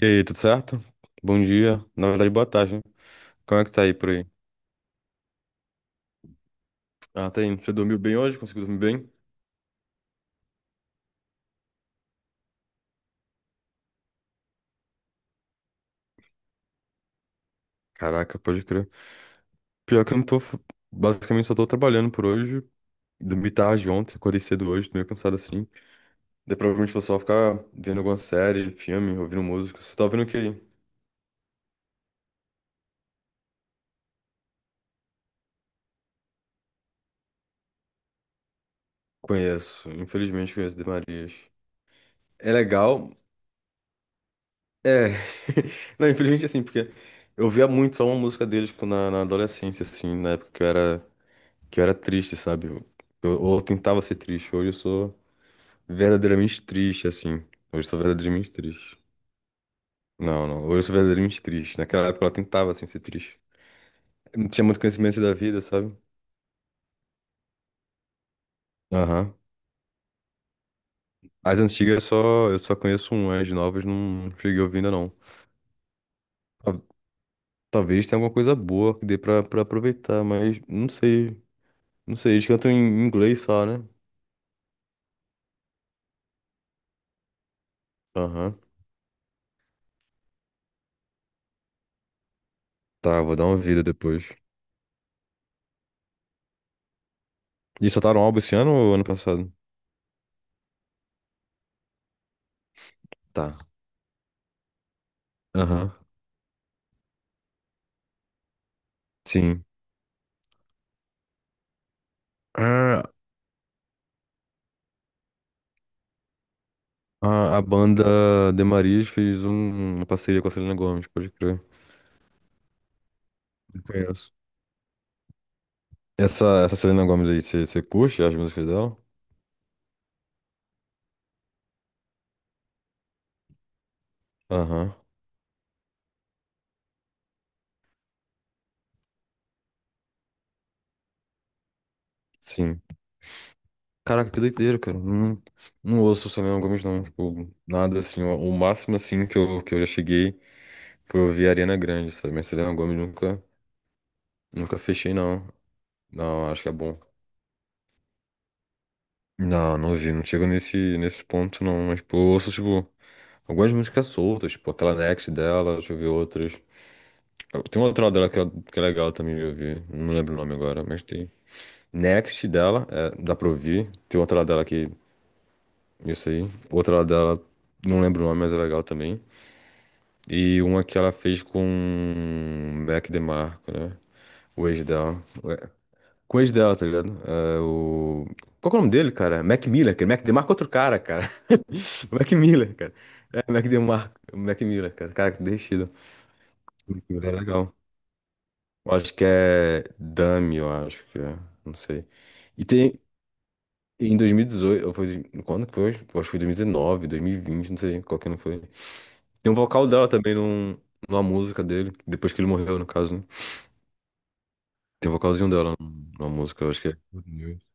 E aí, tudo certo? Bom dia. Na verdade, boa tarde, né? Como é que tá aí por aí? Ah, tá indo. Você dormiu bem hoje? Conseguiu dormir bem? Caraca, pode crer. Pior que eu não tô. Basicamente, só tô trabalhando por hoje. Dormi tarde ontem, acordei cedo hoje, tô meio cansado assim. Daí provavelmente vou só ficar vendo alguma série, filme, ouvindo música. Você tá ouvindo o que aí? Conheço. Infelizmente, conheço De Marias. É legal. É. Não, infelizmente, assim, porque eu via muito só uma música deles, tipo, na adolescência, assim, na época que eu era triste, sabe? Ou eu tentava ser triste. Hoje eu sou verdadeiramente triste, assim. Hoje eu sou verdadeiramente triste. Não, não. Hoje eu sou verdadeiramente triste. Naquela época ela tentava, assim, ser triste. Eu não tinha muito conhecimento da vida, sabe? Aham. As antigas eu só conheço um, as novas não cheguei ouvindo, não. Tal- Talvez tenha alguma coisa boa que dê pra aproveitar, mas não sei. Não sei, eles cantam em inglês só, né? Aham. Tá, vou dar uma vida depois. E soltaram um álbum esse ano ou ano passado? Tá. Aham. Sim. Ah, a banda The Marias fez uma parceria com a Selena Gomez, pode crer. Eu conheço. Essa Selena Gomez aí, você curte as músicas dela? Aham, sim. Caraca, que doideira, cara. Não, não ouço Selena Gomez, não. Tipo, nada assim. O máximo, assim, que eu já cheguei foi ouvir Ariana Grande, sabe? Mas Selena Gomez nunca, nunca fechei, não. Não, acho que é bom. Não, não ouvi. Não chego nesse ponto, não. Mas, tipo, eu ouço, tipo, algumas músicas soltas, tipo, aquela Next dela, deixa eu ver outras. Tem uma outra dela que é legal também de ouvir. Não lembro o nome agora, mas tem. Next dela, é, dá pra ouvir. Tem outra dela que. Isso aí. Outra dela, não lembro o nome, mas é legal também. E uma que ela fez com o Mac DeMarco, né? O ex dela. Ué, com o ex dela, tá ligado? É, o... Qual que é o nome dele, cara? Mac Miller, cara. Mac DeMarco é outro cara, cara. O Mac Miller, cara. É, Mac DeMarco. Mac Miller, cara. Cara, que deixido. Mac Miller é legal. Eu acho que é Dummy, eu acho que é. Não sei. E tem. Em 2018, ou foi. Quando que foi? Eu acho que foi 2019, 2020, não sei qual que não foi. Tem um vocal dela também numa música dele, depois que ele morreu, no caso, né? Tem um vocalzinho dela numa música, eu acho que é. Good News.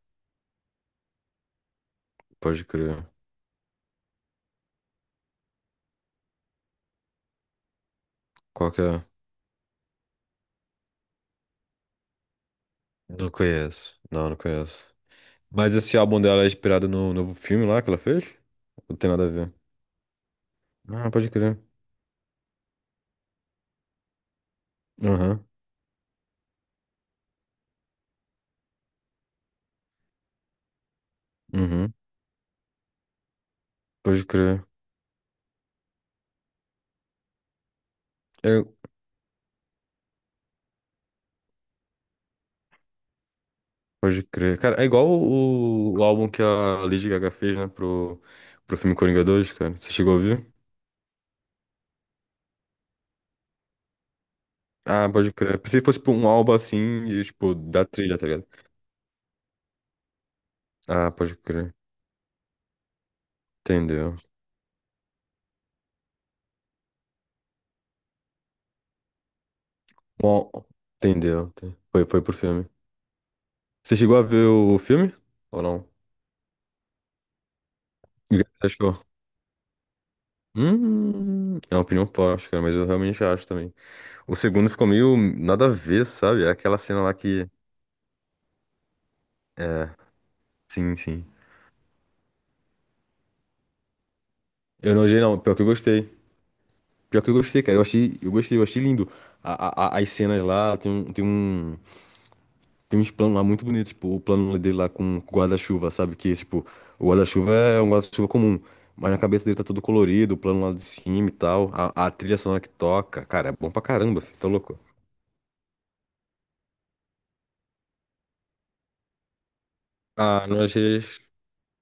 Pode crer. Qual que é? Não conheço. Não, não conheço. Mas esse álbum dela é inspirado no novo filme lá que ela fez? Não tem nada a ver. Ah, pode crer. Aham. Uhum. Pode crer. É, pode crer. Cara, é igual o álbum que a Lady Gaga fez, né, pro filme Coringa 2, cara. Você chegou a ouvir? Ah, pode crer. Pensei que fosse, tipo, um álbum assim, de, tipo, da trilha, tá ligado? Ah, pode crer. Entendeu. Um al- Entendeu. Foi pro filme. Você chegou a ver o filme? Ou não? E o que você achou? É uma opinião forte, cara, mas eu realmente acho também. O segundo ficou meio nada a ver, sabe? É aquela cena lá que. É, sim, sim. Eu não odiei, não. Pior que eu gostei. Pior que eu gostei, cara. Eu achei, eu gostei, eu achei lindo. As cenas lá, tem uns planos lá muito bonitos, tipo, o plano dele lá com o guarda-chuva, sabe? Que, tipo, o guarda-chuva é um guarda-chuva comum, mas na cabeça dele tá todo colorido, o plano lá de cima e tal. A trilha sonora que toca, cara, é bom pra caramba, filho, tá louco? Ah, não achei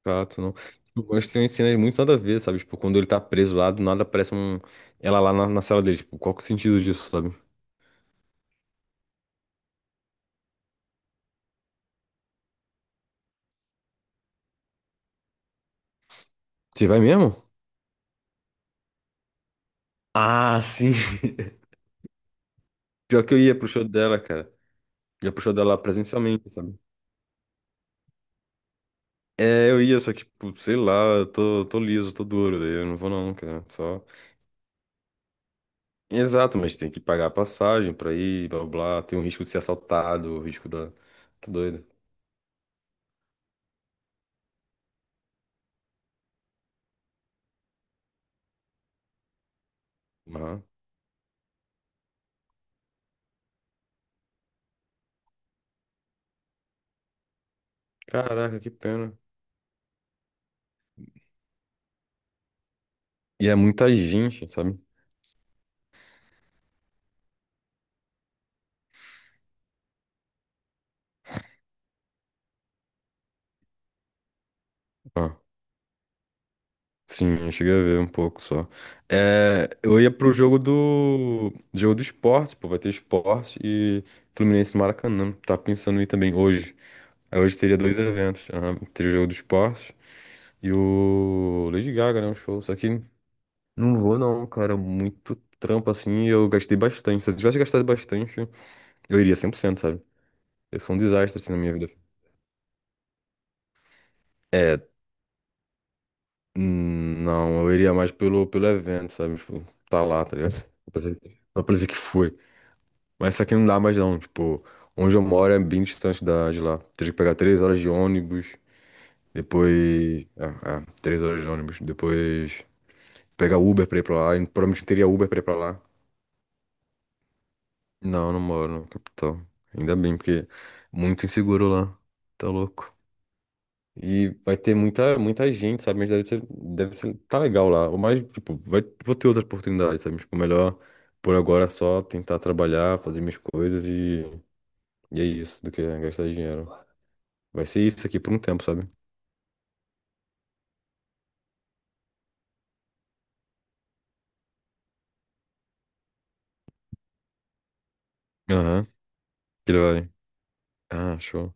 chato, não. Tipo, eu gosto que tem umas cenas muito nada a ver, sabe? Tipo, quando ele tá preso lá, do nada aparece um... ela lá na sala dele, tipo, qual que é o sentido disso, sabe? Você vai mesmo? Ah, sim. Pior que eu ia pro show dela, cara. Já puxou dela presencialmente, sabe? É, eu ia, só que, tipo, sei lá, tô liso, tô duro, daí eu não vou não, cara. Só. Exato, mas tem que pagar a passagem pra ir, blá blá, blá, tem o risco de ser assaltado, o risco da. Tá doido. Aham. Caraca, que pena. E é muita gente, sabe? Ah, sim, eu cheguei a ver um pouco só. É, eu ia pro jogo do. Jogo do esporte, pô, vai ter esporte e Fluminense e Maracanã. Tá pensando em ir também hoje. Aí hoje teria dois eventos, aham, teria o jogo do esporte. E o Lady Gaga, né? Um show. Só que não vou, não, cara. Muito trampo assim. E eu gastei bastante. Se eu tivesse gastado bastante, eu iria 100%, sabe? Eu sou um desastre assim na minha vida. É, não, eu iria mais pelo evento, sabe? Tipo, tá lá, tá ligado? Só pra dizer só pra que foi. Mas só que não dá mais, não. Tipo, onde eu moro é bem distante de lá. Teria que pegar 3 horas de ônibus. Depois. 3 horas de ônibus. Depois pegar Uber pra ir pra lá. E provavelmente não teria Uber pra ir pra lá. Não, não moro na capital. Ainda bem, porque é muito inseguro lá. Tá louco. E vai ter muita, muita gente, sabe? Mas deve ser, tá legal lá. Ou mais, tipo, vai, vou ter outras oportunidades, sabe? Tipo, melhor por agora é só tentar trabalhar, fazer minhas coisas e é isso, do que gastar dinheiro. Vai ser isso aqui por um tempo, sabe? Aham, que ele vai. Ah, show.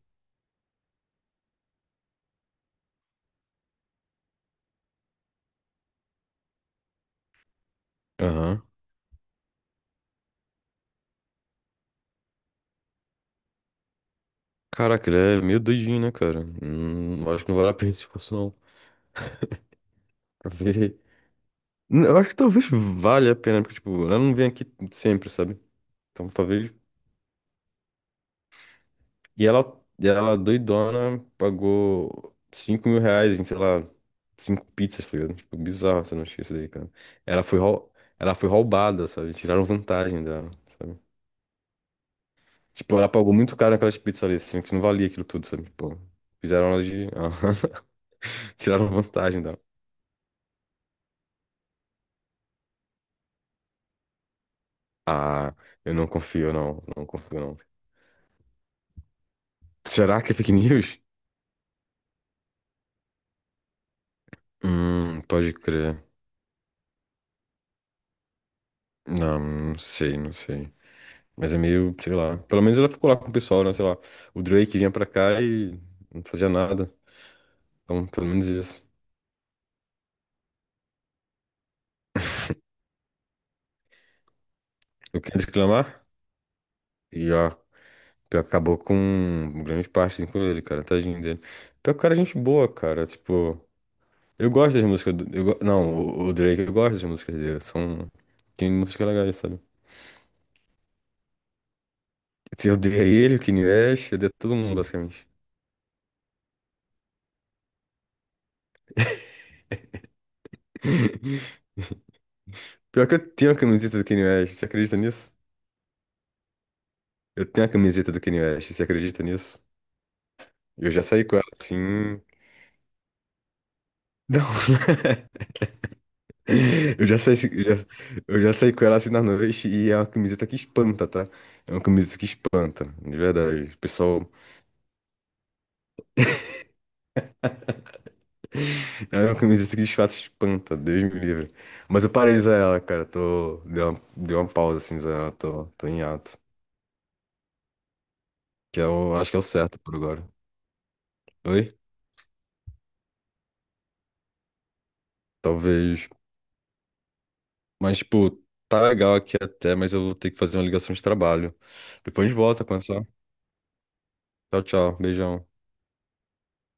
Aham. Caraca, ele é meio doidinho, né, cara? Acho que não vale a pena. Se fosse, não. Eu acho que talvez valha a pena, porque, tipo, ela não vem aqui sempre, sabe? Então, talvez... E ela, e ela doidona, pagou R$ 5.000 em, sei lá, cinco pizzas, tá ligado? Tipo, bizarro, você não acha isso daí, cara. Ela foi, rou... ela foi roubada, sabe? Tiraram vantagem dela, sabe? Tipo, ela pagou muito caro naquelas pizzas ali, assim, que não valia aquilo tudo, sabe? Tipo, fizeram ela de... Aham. Tiraram vantagem dela. Ah, eu não confio, não. Não confio, não. Será que é fake news? Pode crer. Não, não sei, não sei. Mas é meio, sei lá. Pelo menos ela ficou lá com o pessoal, né? Sei lá. O Drake vinha pra cá e não fazia nada. Então, pelo menos isso. Eu queria reclamar e, ó, pior que acabou com grande parte assim, com ele, cara. Tadinho dele. Pior que o cara é gente boa, cara. Tipo, eu gosto das músicas do. Eu go- não, o Drake, eu gosto das músicas dele. São. Tem músicas legais, sabe? Se eu odeia ele, o Kanye West, eu odeio todo mundo, basicamente. Pior que eu tenho a camiseta do Kanye West. Você acredita nisso? Eu tenho a camiseta do Kanye West, você acredita nisso? Eu já saí com ela assim. Não. Eu já saí, eu já, eu já saí com ela assim na noite e é uma camiseta que espanta, tá? É uma camiseta que espanta, de verdade. O pessoal. É uma camiseta que de fato espanta, Deus me livre. Mas eu parei de usar ela, cara. Dei uma pausa assim, de usar ela, tô em ato. Que é o, acho que é o certo por agora. Oi? Talvez. Mas, tipo, tá legal aqui até, mas eu vou ter que fazer uma ligação de trabalho. Depois a gente volta a conversar. Tchau, tchau. Beijão.